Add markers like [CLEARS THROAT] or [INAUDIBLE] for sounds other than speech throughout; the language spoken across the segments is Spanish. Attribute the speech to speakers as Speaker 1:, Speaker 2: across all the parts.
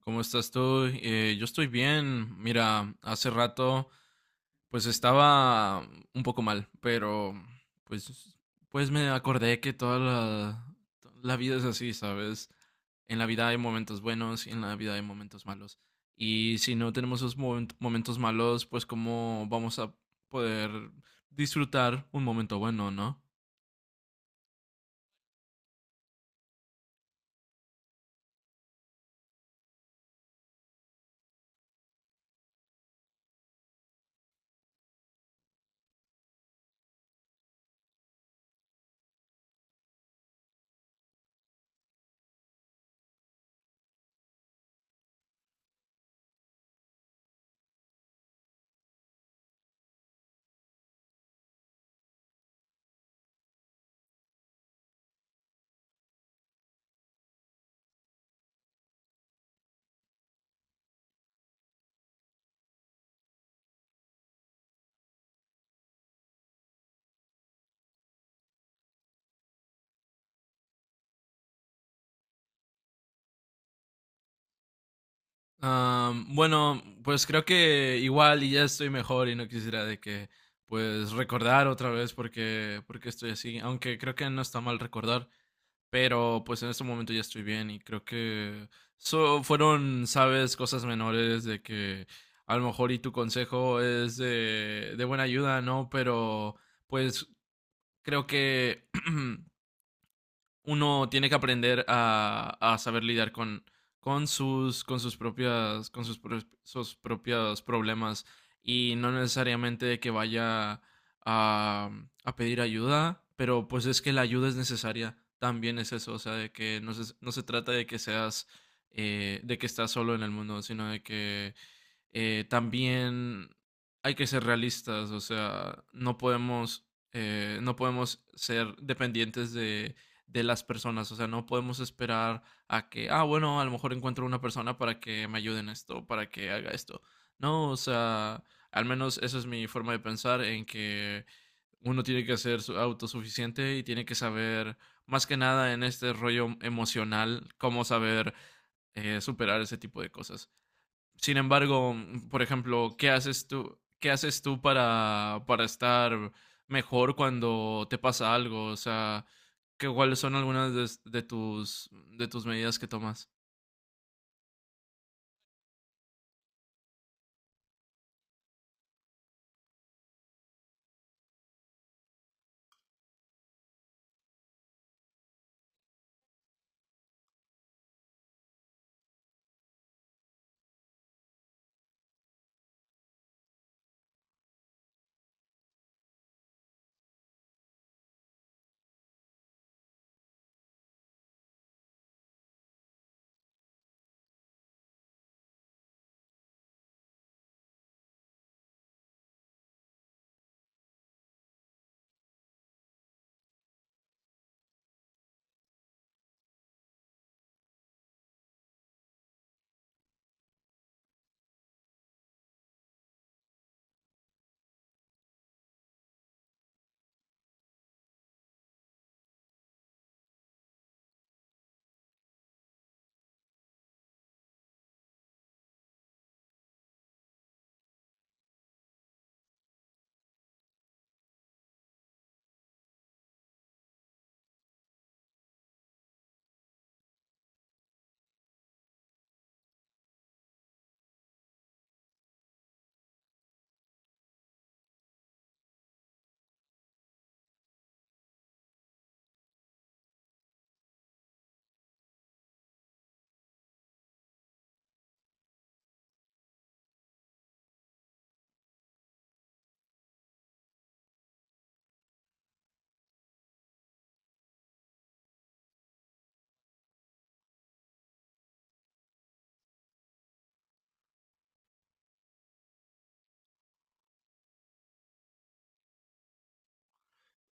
Speaker 1: ¿Cómo estás tú? Yo estoy bien. Mira, hace rato pues estaba un poco mal, pero pues pues me acordé que la vida es así, ¿sabes? En la vida hay momentos buenos y en la vida hay momentos malos. Y si no tenemos momentos malos, pues cómo vamos a poder disfrutar un momento bueno, ¿no? Bueno, pues creo que igual y ya estoy mejor y no quisiera de que pues recordar otra vez porque estoy así, aunque creo que no está mal recordar, pero pues en este momento ya estoy bien y creo que fueron, sabes, cosas menores de que a lo mejor y tu consejo es de buena ayuda, ¿no? Pero pues creo que [CLEARS THROAT] uno tiene que aprender a saber lidiar con sus propias, con sus, pro- sus propios problemas y no necesariamente de que vaya a, a pedir ayuda, pero pues es que la ayuda es necesaria, también es eso, o sea, de que no se trata de que seas, de que estás solo en el mundo, sino de que también hay que ser realistas, o sea, no podemos, no podemos ser dependientes de las personas, o sea, no podemos esperar a que, bueno, a lo mejor encuentro una persona para que me ayude en esto, para que haga esto. No, o sea, al menos esa es mi forma de pensar en que uno tiene que ser autosuficiente y tiene que saber, más que nada en este rollo emocional, cómo saber superar ese tipo de cosas. Sin embargo, por ejemplo, ¿qué haces tú para estar mejor cuando te pasa algo? O sea, ¿cuáles son algunas de, de tus medidas que tomas?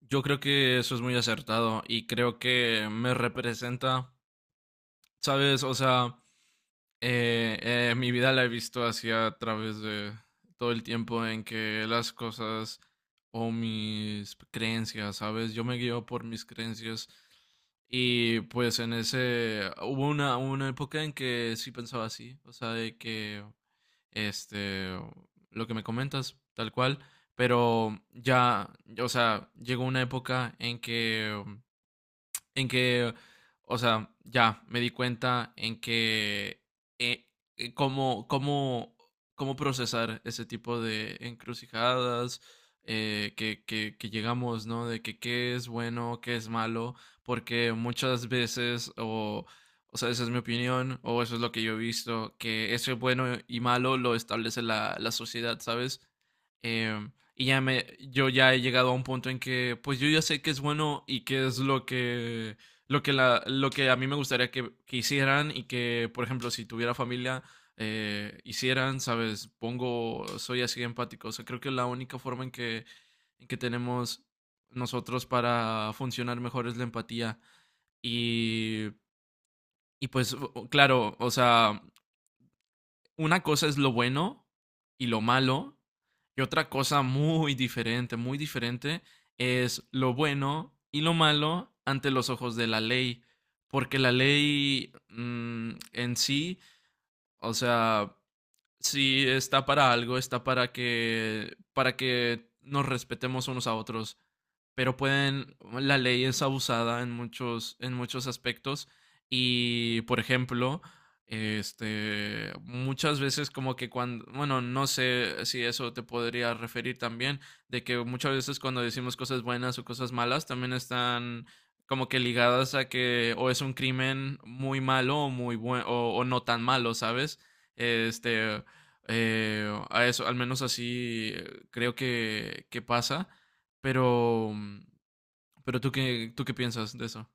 Speaker 1: Yo creo que eso es muy acertado y creo que me representa, ¿sabes? O sea, mi vida la he visto así a través de todo el tiempo en que las cosas o mis creencias, ¿sabes? Yo me guío por mis creencias y pues en ese hubo una época en que sí pensaba así, o sea, de que este, lo que me comentas, tal cual, pero ya, o sea, llegó una época en que en que, o sea, ya me di cuenta en que eh, eh, cómo, cómo, cómo procesar ese tipo de encrucijadas que llegamos, ¿no? De que qué es bueno, qué es malo, porque muchas veces, o sea, esa es mi opinión, o eso es lo que yo he visto, que eso es bueno y malo lo establece la sociedad, ¿sabes? Em, y ya me, yo ya he llegado a un punto en que, pues yo ya sé qué es bueno y qué es lo que, lo que a mí me gustaría que hicieran y que, por ejemplo, si tuviera familia, hicieran, ¿sabes? Pongo, soy así empático. O sea, creo que la única forma en que tenemos nosotros para funcionar mejor es la empatía. Y, y pues, claro, o sea, una cosa es lo bueno y lo malo, y otra cosa muy diferente, es lo bueno y lo malo ante los ojos de la ley, porque la ley en sí, o sea, sí está para algo, está para para que nos respetemos unos a otros, pero pueden, la ley es abusada en muchos aspectos y, por ejemplo, muchas veces como que cuando, bueno, no sé si eso te podría referir también, de que muchas veces cuando decimos cosas buenas o cosas malas también están como que ligadas a que o es un crimen muy malo o muy bueno o no tan malo, ¿sabes? Este, a eso, al menos así creo que pasa. Pero, pero ¿tú qué piensas de eso?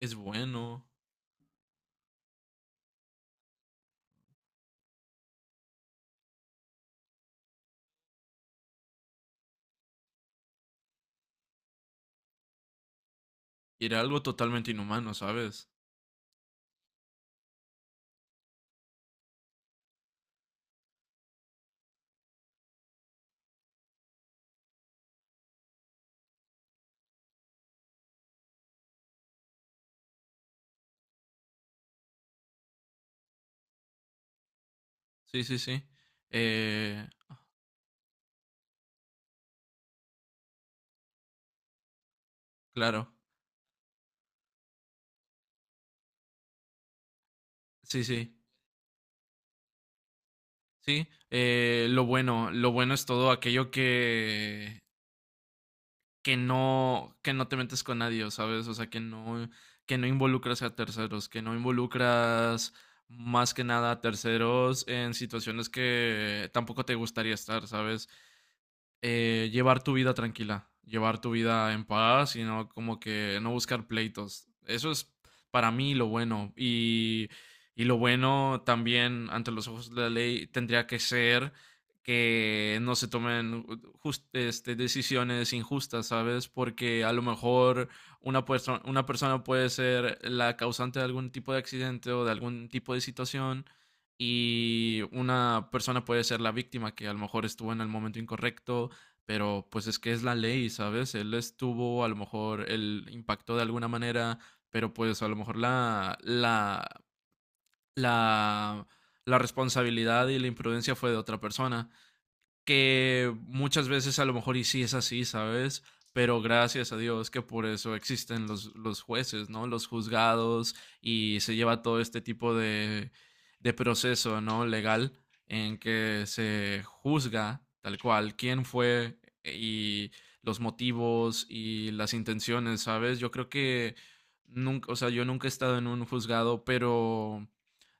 Speaker 1: Es bueno. Y era algo totalmente inhumano, ¿sabes? Sí. Eh, claro. Sí. Sí. Lo bueno es todo aquello que no te metes con nadie, ¿sabes? O sea, que no involucras a terceros, que no involucras más que nada a terceros en situaciones que tampoco te gustaría estar, ¿sabes? Llevar tu vida tranquila, llevar tu vida en paz y no como que no buscar pleitos. Eso es para mí lo bueno. Y lo bueno también ante los ojos de la ley tendría que ser que no se tomen decisiones injustas, ¿sabes? Porque a lo mejor una persona puede ser la causante de algún tipo de accidente o de algún tipo de situación y una persona puede ser la víctima que a lo mejor estuvo en el momento incorrecto pero pues es que es la ley, ¿sabes? Él estuvo, a lo mejor él impactó de alguna manera, pero pues a lo mejor la, la responsabilidad y la imprudencia fue de otra persona que muchas veces a lo mejor y sí es así, ¿sabes? Pero gracias a Dios que por eso existen los jueces, ¿no? Los juzgados y se lleva todo este tipo de proceso, ¿no? Legal en que se juzga tal cual quién fue y los motivos y las intenciones, ¿sabes? Yo creo que nunca, o sea, yo nunca he estado en un juzgado, pero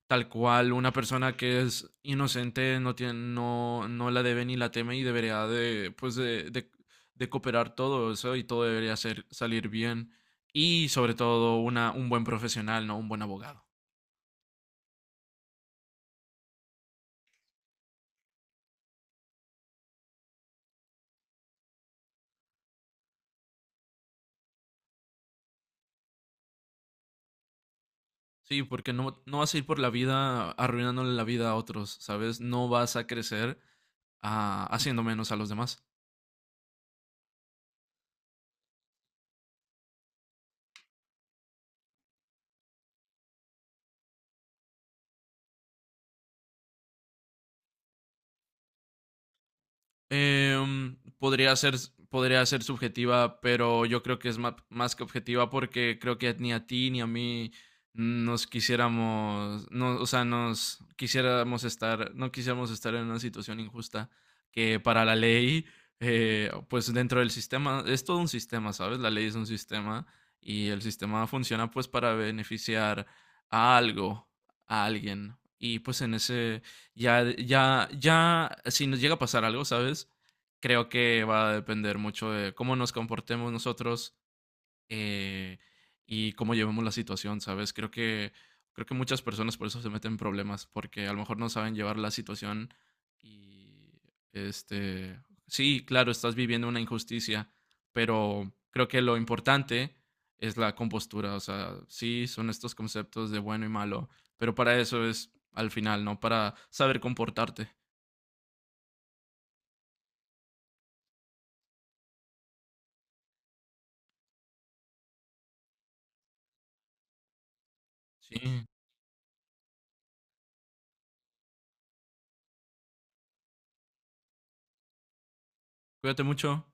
Speaker 1: tal cual una persona que es inocente no tiene, no la debe ni la teme y debería de, pues de cooperar todo eso y todo debería ser, salir bien. Y sobre todo un buen profesional, ¿no? Un buen abogado. Sí, porque no, no vas a ir por la vida arruinándole la vida a otros, ¿sabes? No vas a crecer haciendo menos a los demás. Em, podría ser, podría ser subjetiva, pero yo creo que es más, que objetiva porque creo que ni a ti ni a mí nos quisiéramos, no, o sea, nos quisiéramos estar, no quisiéramos estar en una situación injusta que para la ley, pues dentro del sistema, es todo un sistema, ¿sabes? La ley es un sistema y el sistema funciona pues para beneficiar a algo, a alguien. Y pues en ese, ya, si nos llega a pasar algo, ¿sabes? Creo que va a depender mucho de cómo nos comportemos nosotros, eh, y cómo llevamos la situación, ¿sabes? Creo que muchas personas por eso se meten en problemas, porque a lo mejor no saben llevar la situación y, este, sí, claro, estás viviendo una injusticia, pero creo que lo importante es la compostura, o sea, sí, son estos conceptos de bueno y malo, pero para eso es al final, ¿no? Para saber comportarte. Sí. Cuídate mucho.